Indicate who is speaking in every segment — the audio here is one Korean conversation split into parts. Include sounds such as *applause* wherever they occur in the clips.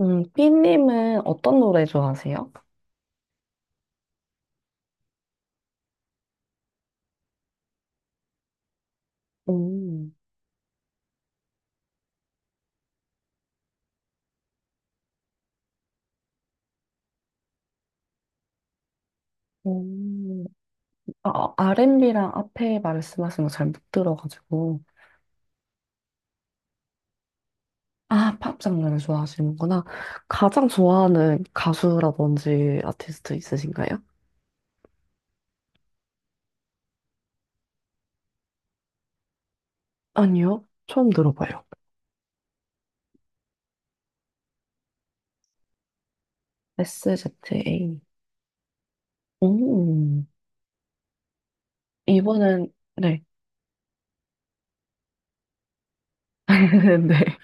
Speaker 1: 삐님은 어떤 노래 좋아하세요? 음. 음, 아, 어, R&B랑 앞에 말씀하신 거 잘 못 들어가지고. 아, 팝 장르를 좋아하시는구나. 가장 좋아하는 가수라든지 아티스트 있으신가요? 아니요, 처음 들어봐요. SZA. 음, 이번엔, 네. *laughs* 네.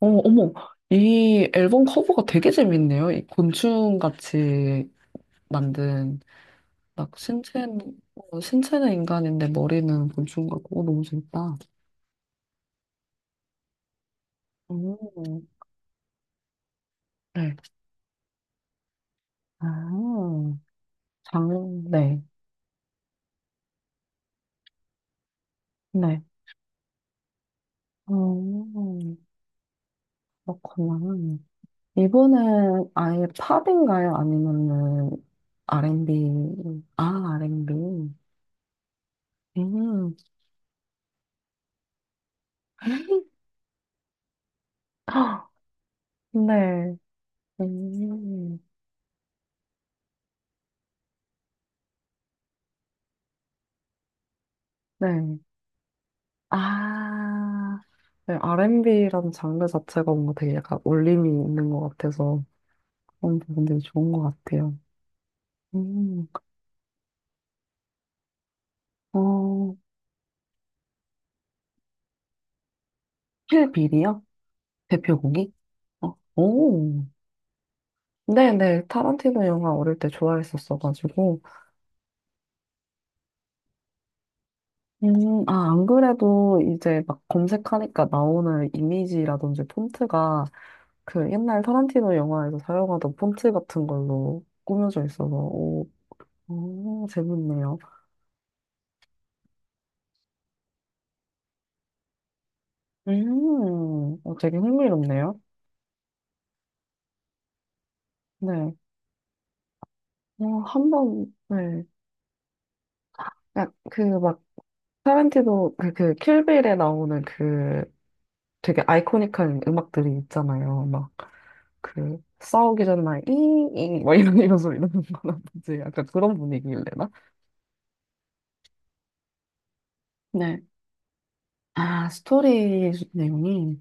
Speaker 1: 어, 어머, 이 앨범 커버가 되게 재밌네요. 이 곤충같이 만든. 막 신체는, 신체는 인간인데 머리는 곤충 같고, 어, 너무 재밌다. 오, 네. 아, 장, 네. 네. 어, 그렇구나. 이번은 아예 팝인가요? 아니면은 R&B? 아, R&B. 음, *gasps* 헉, 네. 음, 네. 아, 네. R&B라는 장르 자체가 뭔가 되게 약간 울림이 있는 것 같아서. 그런 부분들이 좋은 것 같아요. 음, 어, 킬빌이요? 대표곡이? 어, 오. 네네, 타란티노 영화 어릴 때 좋아했었어가지고. 아, 안 그래도 이제 막 검색하니까 나오는 이미지라든지 폰트가 그 옛날 타란티노 영화에서 사용하던 폰트 같은 걸로 꾸며져 있어서, 오, 오, 재밌네요. 어, 되게 흥미롭네요. 네. 어, 한번, 네. 그막 타란티노 그, 그 킬빌에 나오는 그 되게 아이코닉한 음악들이 있잖아요. 막 그 싸우기 전에 막 이잉 막 이런 소리 나는 거라든지 약간 그런 분위기일래나? 네. 아, 스토리 내용이.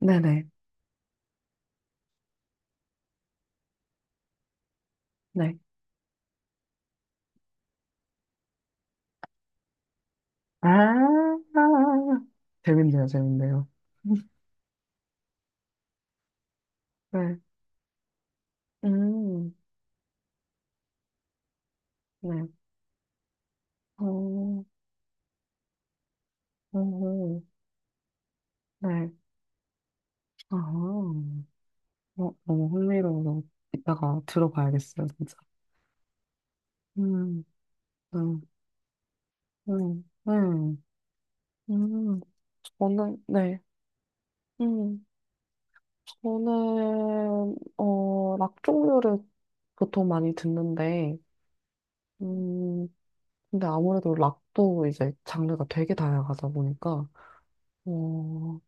Speaker 1: 네네. 네. 아 재밌네요, 재밌네요. *laughs* 네. 음, 네. 어, 오, 네. 아, 어, 너무 흥미로워서 이따가 들어봐야겠어요, 진짜. 음, 음, 음, 음, 음, 저는, 네. 음, 저는, 락 종류를 보통 많이 듣는데, 음, 근데 아무래도 락도 이제 장르가 되게 다양하다 보니까, 어,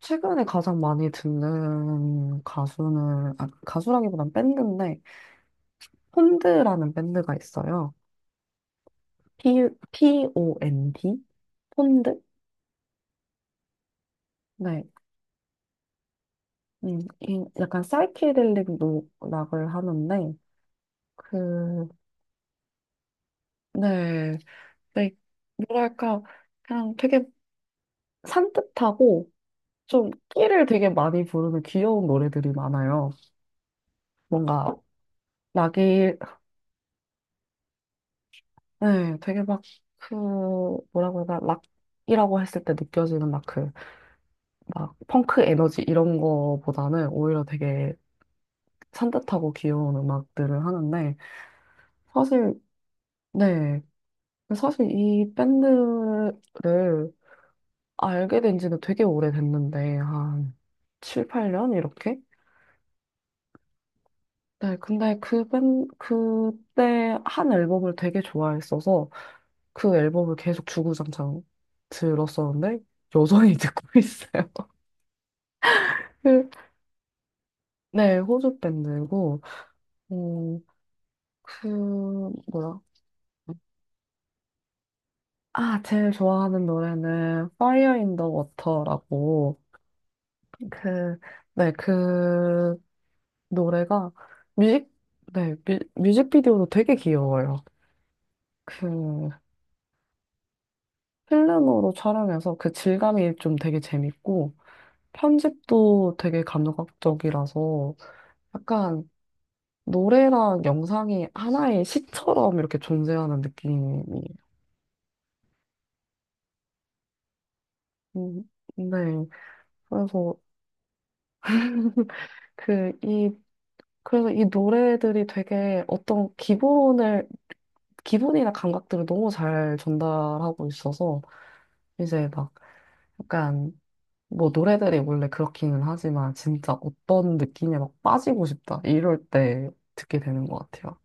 Speaker 1: 최근에 가장 많이 듣는 가수는, 아, 가수라기보단 밴드인데, 폰드라는 밴드가 있어요. P, P-O-N-D? 폰드? 네. 이- 약간 사이키델릭 락을 하는데, 그, 네, 네, 뭐랄까, 그냥 되게 산뜻하고, 좀 끼를 되게 많이 부르는 귀여운 노래들이 많아요. 뭔가, 락이, 네, 되게 막, 그, 뭐라고 해야 되나, 락이라고 했을 때 느껴지는 막 그, 막, 펑크 에너지 이런 거보다는 오히려 되게 산뜻하고 귀여운 음악들을 하는데, 사실, 네, 사실 이 밴드를 알게 된 지는 되게 오래됐는데, 한 7, 8년? 이렇게? 네, 근데 그 밴, 그때 한 앨범을 되게 좋아했어서 그 앨범을 계속 주구장창 들었었는데, 여전히 *laughs* 듣고 있어요. 그- 네, 호주 밴드고, 음, 그, 뭐야. 아, 제일 좋아하는 노래는 Fire in the Water라고, 그, 네, 그 노래가 뮤직, 네, 뮤직비디오도 되게 귀여워요. 그 필름으로 촬영해서 그 질감이 좀 되게 재밌고 편집도 되게 감각적이라서 약간 노래랑 영상이 하나의 시처럼 이렇게 존재하는 느낌이. 음, 네. 그래서 그 이 그래서 이 노래들이 되게 어떤 기본을 기본이나 감각들을 너무 잘 전달하고 있어서 이제 막 약간 뭐 노래들이 원래 그렇기는 하지만 진짜 어떤 느낌에 막 빠지고 싶다 이럴 때 듣게 되는 것 같아요.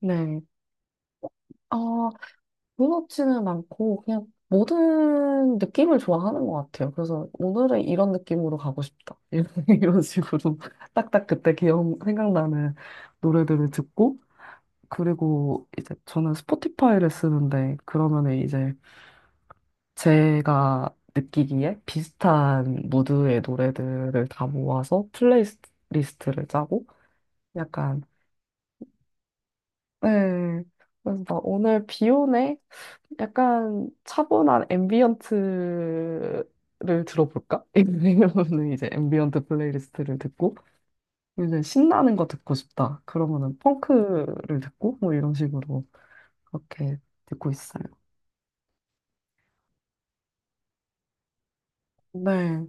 Speaker 1: 네. 아, 무섭지는 않고 그냥 모든 느낌을 좋아하는 것 같아요. 그래서 오늘은 이런 느낌으로 가고 싶다. *laughs* 이런 식으로 딱딱 그때 기억 생각나는 노래들을 듣고 그리고 이제 저는 스포티파이를 쓰는데 그러면은 이제 제가 느끼기에 비슷한 무드의 노래들을 다 모아서 플레이리스트를 짜고 약간 네. 그래서 막 오늘 비 오네? 약간 차분한 앰비언트를 들어볼까? *laughs* 이러면은 이제 앰비언트 플레이리스트를 듣고 이제 신나는 거 듣고 싶다. 그러면은 펑크를 듣고 뭐 이런 식으로 그렇게 듣고 있어요. 네.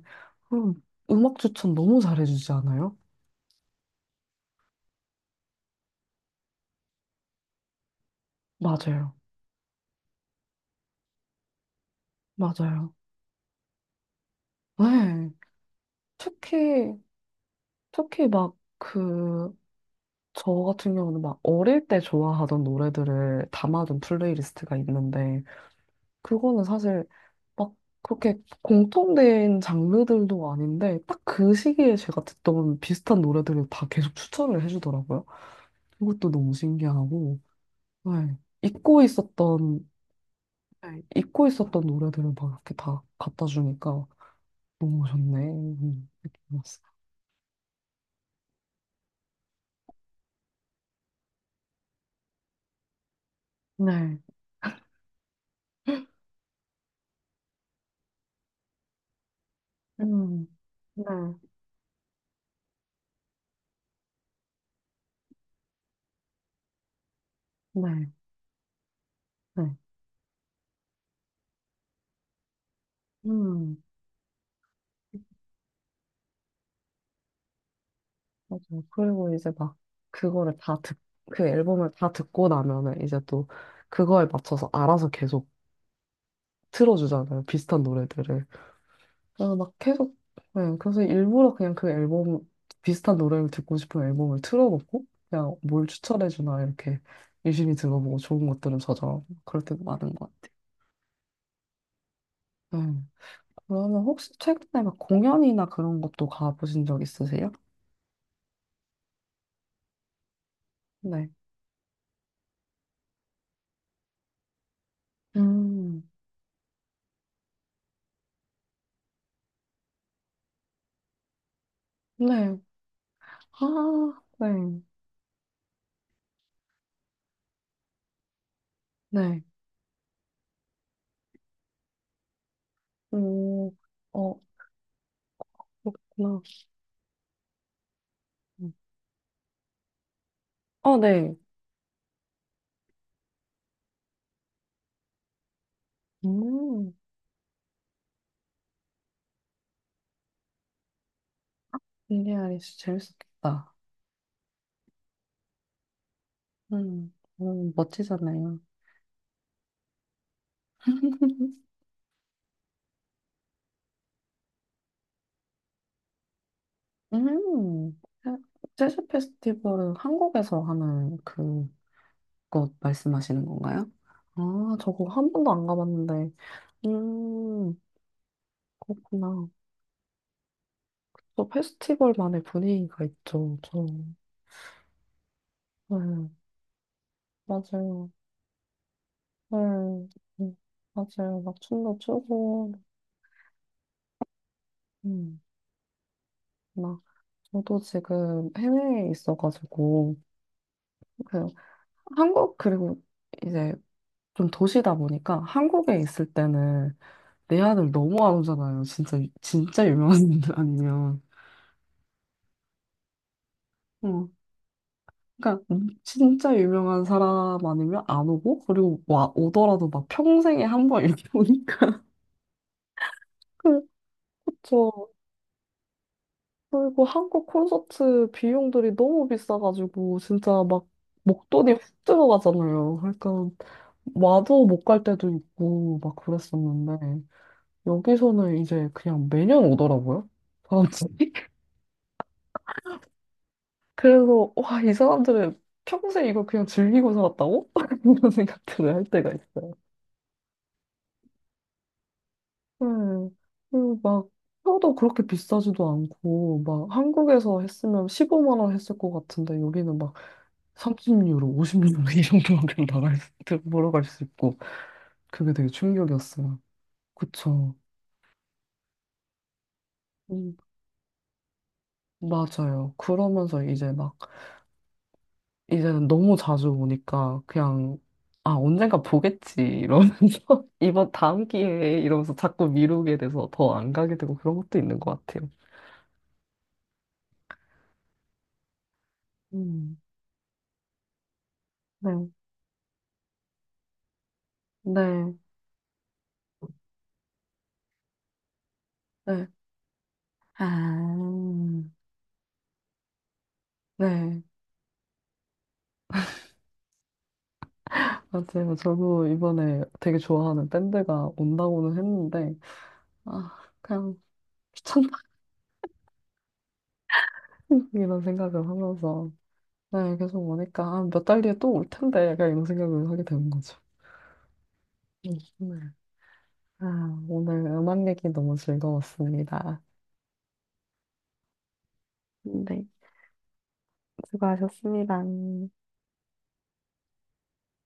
Speaker 1: 음, 음악 추천 너무 잘해주지 않아요? 맞아요. 맞아요. 네. 특히, 특히 막 그, 저 같은 경우는 막 어릴 때 좋아하던 노래들을 담아둔 플레이리스트가 있는데, 그거는 사실 막 그렇게 공통된 장르들도 아닌데, 딱 그 시기에 제가 듣던 비슷한 노래들을 다 계속 추천을 해주더라고요. 그것도 너무 신기하고, 네. 잊고 있었던, 네. 잊고 있었던 노래들을 막 이렇게 다 갖다 주니까 너무 좋네. 느낌이었어요. 네. 음, 네. 네, 네. 음, 맞아요. 그리고 이제 막 그거를 다 듣, 그 앨범을 다 듣고 나면은 이제 또 그거에 맞춰서 알아서 계속 틀어주잖아요. 비슷한 노래들을. 그래서 막 계속, 네, 그래서 일부러 그냥 비슷한 노래를 듣고 싶은 앨범을 틀어놓고 그냥 뭘 추천해주나 이렇게 유심히 들어보고 좋은 것들은 저장 그럴 때도 많은 것 같아요. 네. 그러면 혹시 최근에 막 공연이나 그런 것도 가보신 적 있으세요? 네 음, 네. 아, 네. 네. 오, 어, 그렇구나. 음. 어, 네. 음, 빌리 아이리시 재밌었겠다. 음, 멋지잖아요. *laughs* 음, 재- 재즈 페스티벌은 한국에서 하는 그것 말씀하시는 건가요? 아, 저거 한 번도 안 가봤는데. 음, 그렇구나. 또 페스티벌만의 분위기가 있죠. 저, 네, 맞아요. 음, 음, 맞막 춤도 추고, 음, 막, 저도 지금 해외에 있어가지고, 그, 한국, 그리고 이제 좀 도시다 보니까 한국에 있을 때는 내 아들 너무 안 오잖아요. 진짜, 진짜 유명한 *laughs* 사람 아니면. 어, 그러니까, 진짜 유명한 사람 아니면 안 오고, 그리고 와, 오더라도 막 평생에 한 번 이렇게 오니까. *laughs* 그죠 그리고 한국 콘서트 비용들이 너무 비싸가지고 진짜 막 목돈이 확 들어가잖아요. 그러니까 와도 못 갈 때도 있고 막 그랬었는데 여기서는 이제 그냥 매년 오더라고요. 사람들이. *laughs* 그래서 와, 이 사람들은 평생 이걸 그냥 즐기고 살았다고? *laughs* 이런 생각들을 할 때가 있어요. 네. 그리고 막 표도 그렇게 비싸지도 않고 막 한국에서 했으면 15만 원 했을 것 같은데 여기는 막 30유로, 50유로 *laughs* 이 정도만 그냥 나갈 수, 보러 갈 수 있고 그게 되게 충격이었어요. 그쵸. 음, 맞아요. 그러면서 이제 막 이제는 너무 자주 오니까 그냥 아 언젠가 보겠지 이러면서 *laughs* 이번 다음 기회에 이러면서 자꾸 미루게 돼서 더 안 가게 되고 그런 것도 있는 것 같아요. 음, 네, 네, 네. 아, 네. 맞아요. 저도 이번에 되게 좋아하는 밴드가 온다고는 했는데, 아, 그냥 천박이라는 *laughs* 생각을 하면서 네, 계속 오니까 아, 몇 달 뒤에 또 올 텐데 약간 이런 생각을 하게 되는 거죠. 네. 아, 오늘 음악 얘기 너무 즐거웠습니다. 네, 수고하셨습니다.